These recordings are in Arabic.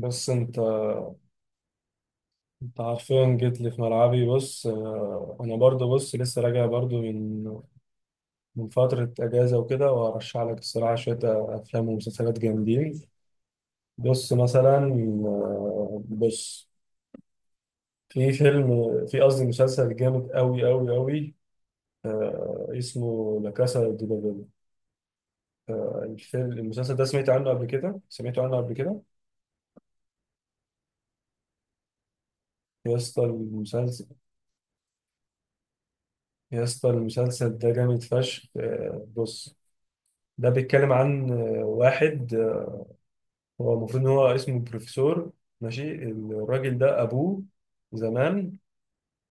بس انت حرفيا جيت لي في ملعبي، بص. انا برضو بص، لسه راجع برضو من فترة اجازة وكده، وهرشح لك الصراحة شوية افلام ومسلسلات جامدين. بص مثلا. بص، في فيلم، في قصدي مسلسل جامد قوي قوي قوي. اسمه لا كاسا دي بابل. الفيلم المسلسل ده سمعت عنه قبل كده سمعت عنه قبل كده. يا اسطى المسلسل يا اسطى المسلسل ده جامد فشخ. بص، ده بيتكلم عن واحد، هو المفروض ان هو اسمه بروفيسور، ماشي. الراجل ده ابوه زمان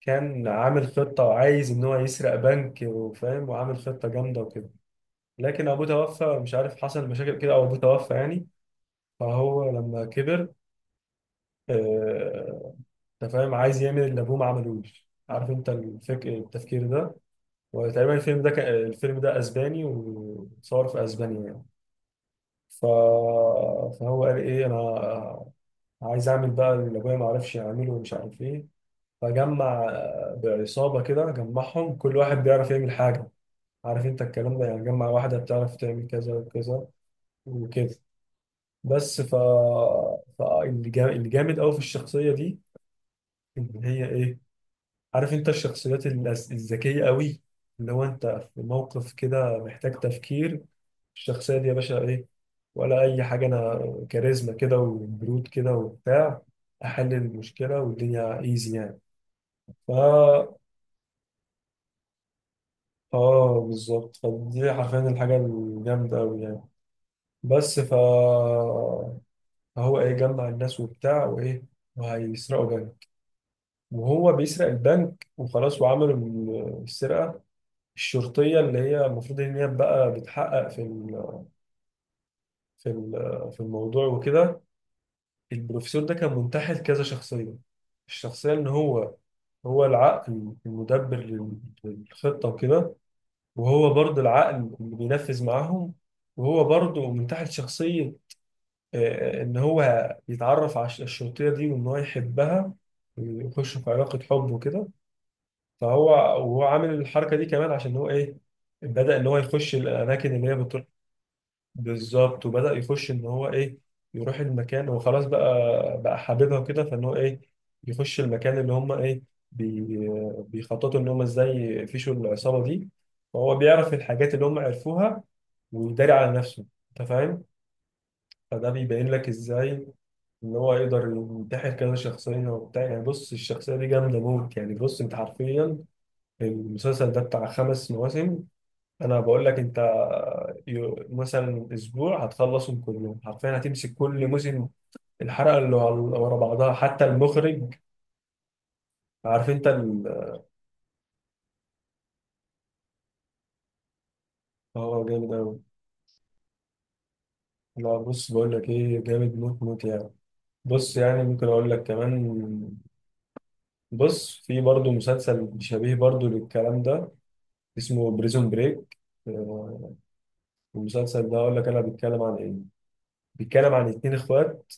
كان عامل خطة وعايز ان هو يسرق بنك وفاهم، وعامل خطة جامدة وكده، لكن ابوه توفى، مش عارف، حصل مشاكل كده او ابوه توفى يعني. فهو لما كبر، آه، انت فاهم، عايز يعمل اللي ابوه ما عملوش، عارف انت التفكير ده. وتقريبا الفيلم ده اسباني وصور في اسبانيا يعني. ف... فهو قال ايه، انا عايز اعمل بقى اللي ابويا ما عرفش يعمله ومش عارف ايه. فجمع بعصابه كده، جمعهم كل واحد بيعرف يعمل حاجه. عارف انت الكلام ده يعني، جمع واحده بتعرف تعمل كذا وكذا وكده. بس اللي جامد قوي في الشخصيه دي، ان هي ايه، عارف انت الشخصيات الذكيه قوي، اللي هو انت في موقف كده محتاج تفكير، الشخصيه دي يا باشا ايه؟ ولا اي حاجه، انا كاريزما كده وبرود كده وبتاع، احل المشكله والدنيا ايزي يعني. ف اه بالظبط، فدي حرفيا الحاجة الجامدة أوي يعني. بس فهو ايه، جمع الناس وبتاع وايه، وهيسرقوا بنك. وهو بيسرق البنك وخلاص وعملوا السرقة. الشرطية اللي هي المفروض ان هي بقى بتحقق في ال... في الموضوع وكده. البروفيسور ده كان منتحل كذا شخصية، الشخصية ان هو العقل المدبر للخطة وكده، وهو برضو العقل اللي بينفذ معاهم، وهو برضو من تحت شخصية، إن هو يتعرف على الشرطية دي وإن هو يحبها ويخش في علاقة حب وكده. فهو وهو عامل الحركة دي كمان عشان هو إيه، بدأ إن هو يخش الأماكن اللي هي بتروح. بالظبط، وبدأ يخش ان هو ايه، يروح المكان وخلاص بقى، حاببها كده، فان هو ايه، يخش المكان اللي هم ايه، بي بيخططوا ان هم ازاي يفشوا العصابة دي، فهو بيعرف الحاجات اللي هم عرفوها ويداري على نفسه، انت فاهم. فده بيبين لك ازاي ان هو يقدر ينتحل كذا شخصية وبتاع يعني. بص الشخصية دي جامدة موت يعني. بص انت حرفيا المسلسل ده بتاع خمس مواسم. انا بقول لك انت، مثلا اسبوع هتخلصهم كلهم حرفيا، هتمسك كل موسم، الحلقه اللي ورا بعضها، حتى المخرج عارف انت هو جامد قوي. لا، بص بقول لك ايه، جامد موت موت يعني. بص يعني ممكن اقول لك كمان، بص في برضه مسلسل شبيه برضه للكلام ده، اسمه بريزون بريك. المسلسل ده اقول لك انا بيتكلم عن ايه، بيتكلم عن اتنين اخوات.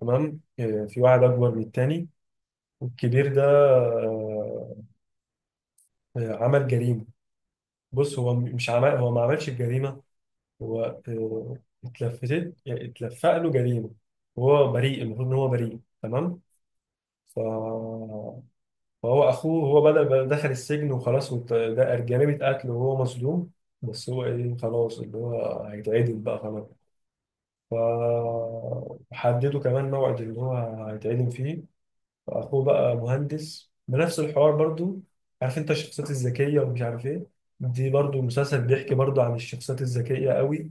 تمام. في واحد اكبر من التاني، والكبير ده عمل جريمة. بص هو مش عمل، هو ما عملش الجريمة. هو اتلفتت يعني اتلفق له جريمة، وهو بريء، المفروض إن هو بريء تمام. ف- فهو أخوه، هو بدأ دخل السجن وخلاص، ده جريمة قتل وهو مظلوم، بس هو إيه، خلاص اللي هو هيتعدم بقى خلاص. فحددوا كمان موعد اللي هو هيتعدم فيه. اخوه بقى مهندس بنفس الحوار برضو، عارف انت الشخصيات الذكيه ومش عارف ايه. دي برضو مسلسل بيحكي برضو عن الشخصيات الذكيه قوي.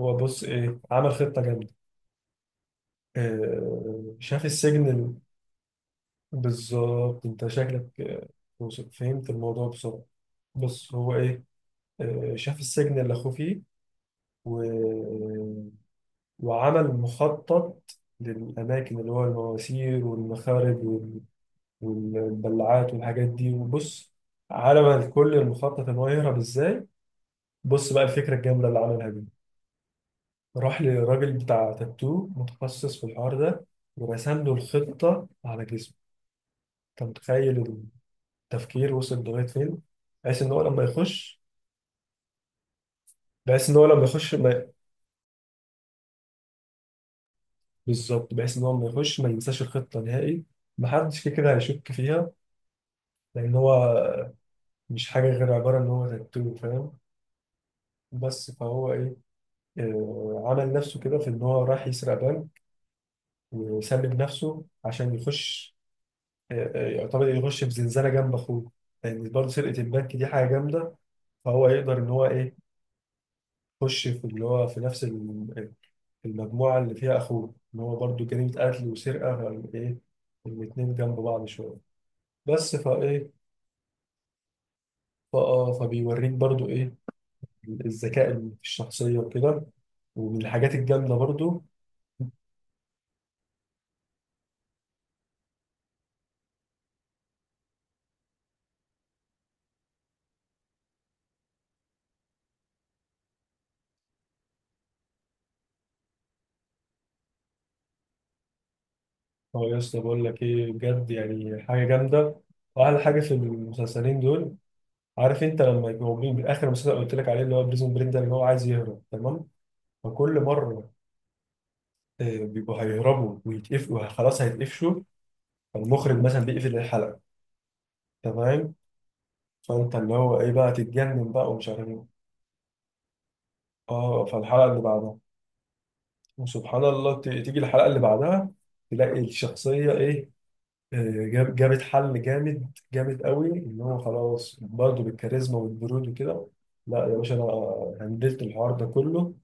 هو بص ايه، عمل خطه جامده. شاف السجن بالظبط، انت شكلك فهمت الموضوع بسرعه. بص هو ايه، شاف السجن اللي اخوه فيه، و... وعمل مخطط للاماكن اللي هو المواسير والمخارج والدلعات والحاجات دي. وبص على ما الكل المخطط ان هو يهرب ازاي. بص بقى الفكره الجامده اللي عملها دي، راح لراجل بتاع تاتو متخصص في الحوار ده، ورسم له الخطه على جسمه. انت متخيل؟ التفكير وصل لغايه فين. بحيث ان هو لما يخش، بحيث ان هو لما يخش ما... بالظبط، بحيث ان هو لما يخش ما ينساش الخطه نهائي. محدش كده كده هيشك فيها، لان هو مش حاجه غير عباره ان هو تاتو، فاهم. بس فهو ايه، عمل نفسه كده في ان هو راح يسرق بنك وسلم نفسه عشان يخش، يعتبر يخش في زنزانه جنب اخوه، لان برضه سرقه البنك دي حاجه جامده، فهو يقدر ان هو ايه، يخش في اللي هو في نفس المجموعه اللي فيها اخوه، ان هو برضه جريمه قتل وسرقه، ايه، الاتنين جنب بعض شويه. بس فايه، فبيوريك برضه ايه، الذكاء اللي في الشخصيه وكده، ومن الحاجات الجامده برضه. اه يا اسطى بقول لك ايه، بجد يعني حاجه جامده. واحلى حاجه في المسلسلين دول، عارف انت لما يبقوا من اخر مسلسل قلت لك عليه اللي هو بريزون بريك ده، اللي هو عايز يهرب تمام، فكل مره بيبقوا هيهربوا ويتقفلوا خلاص هيتقفشوا، فالمخرج مثلا بيقفل الحلقه. تمام. فانت اللي هو ايه بقى، تتجنن بقى ومش عارف ايه. اه فالحلقه اللي بعدها، وسبحان الله، تيجي الحلقه اللي بعدها، تلاقي الشخصيه ايه، جابت حل جامد جامد قوي ان هو خلاص برضه بالكاريزما والبرود وكده. لا يا باشا، انا هندلت الحوار ده كله،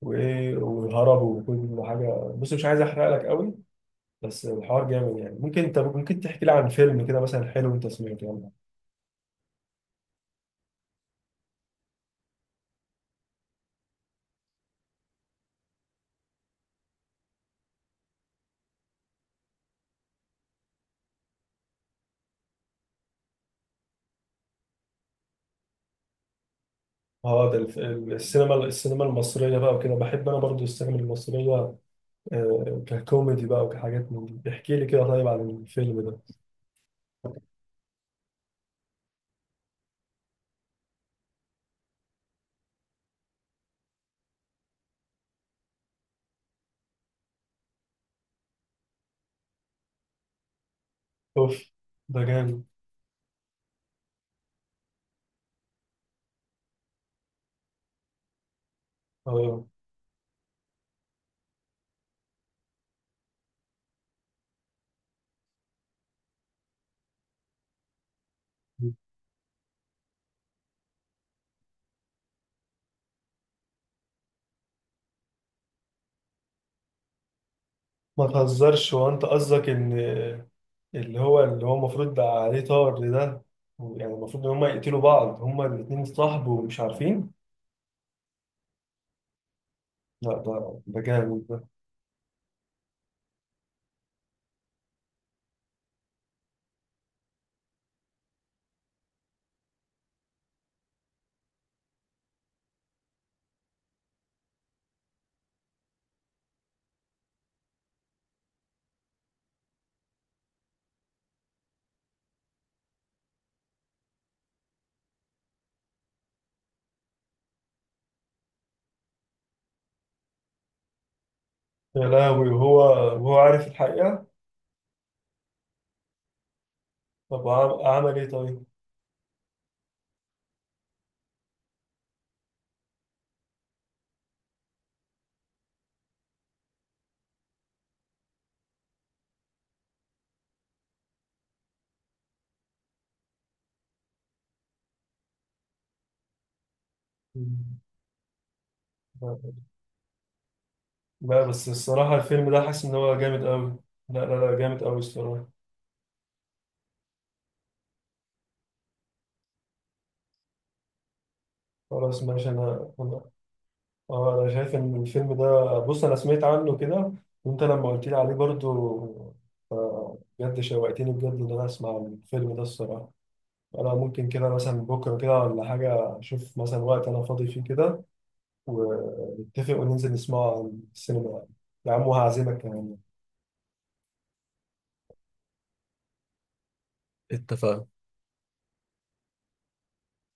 وايه وهربوا وكل حاجه. بص مش عايز احرق لك قوي، بس الحوار جامد يعني. ممكن تحكي لي عن فيلم كده مثلا حلو انت سمعته يعني. اه ده السينما المصريه بقى وكده، بحب انا برضو السينما المصريه. ككوميدي بقى وكحاجات من دي، احكي لي كده طيب عن الفيلم ده. اوف، ده جامد. اه ما تهزرش، هو انت قصدك ان اللي هو المفروض بقى عليه طار ده، يعني المفروض ان هما يقتلوا بعض، هما الاتنين اتصاحبوا ومش عارفين؟ لا ده جامد ده. يا لهوي، وهو عارف الحقيقة؟ طب عمل ايه طيب؟ مم. لا، لا، بس الصراحة الفيلم ده حاسس ان هو جامد قوي. لا، لا، لا، جامد قوي الصراحة. خلاص ماشي. انا شايف ان الفيلم ده، بص انا سمعت عنه كده، وانت لما قلت لي عليه برضو، بجد شوقتني بجد ان انا اسمع الفيلم ده الصراحه. انا ممكن كده مثلا بكره كده ولا حاجه، اشوف مثلا وقت انا فاضي فيه كده، ونتفق وننزل نسمعه على السينما، يا عم، وهعزمك كمان. اتفقنا.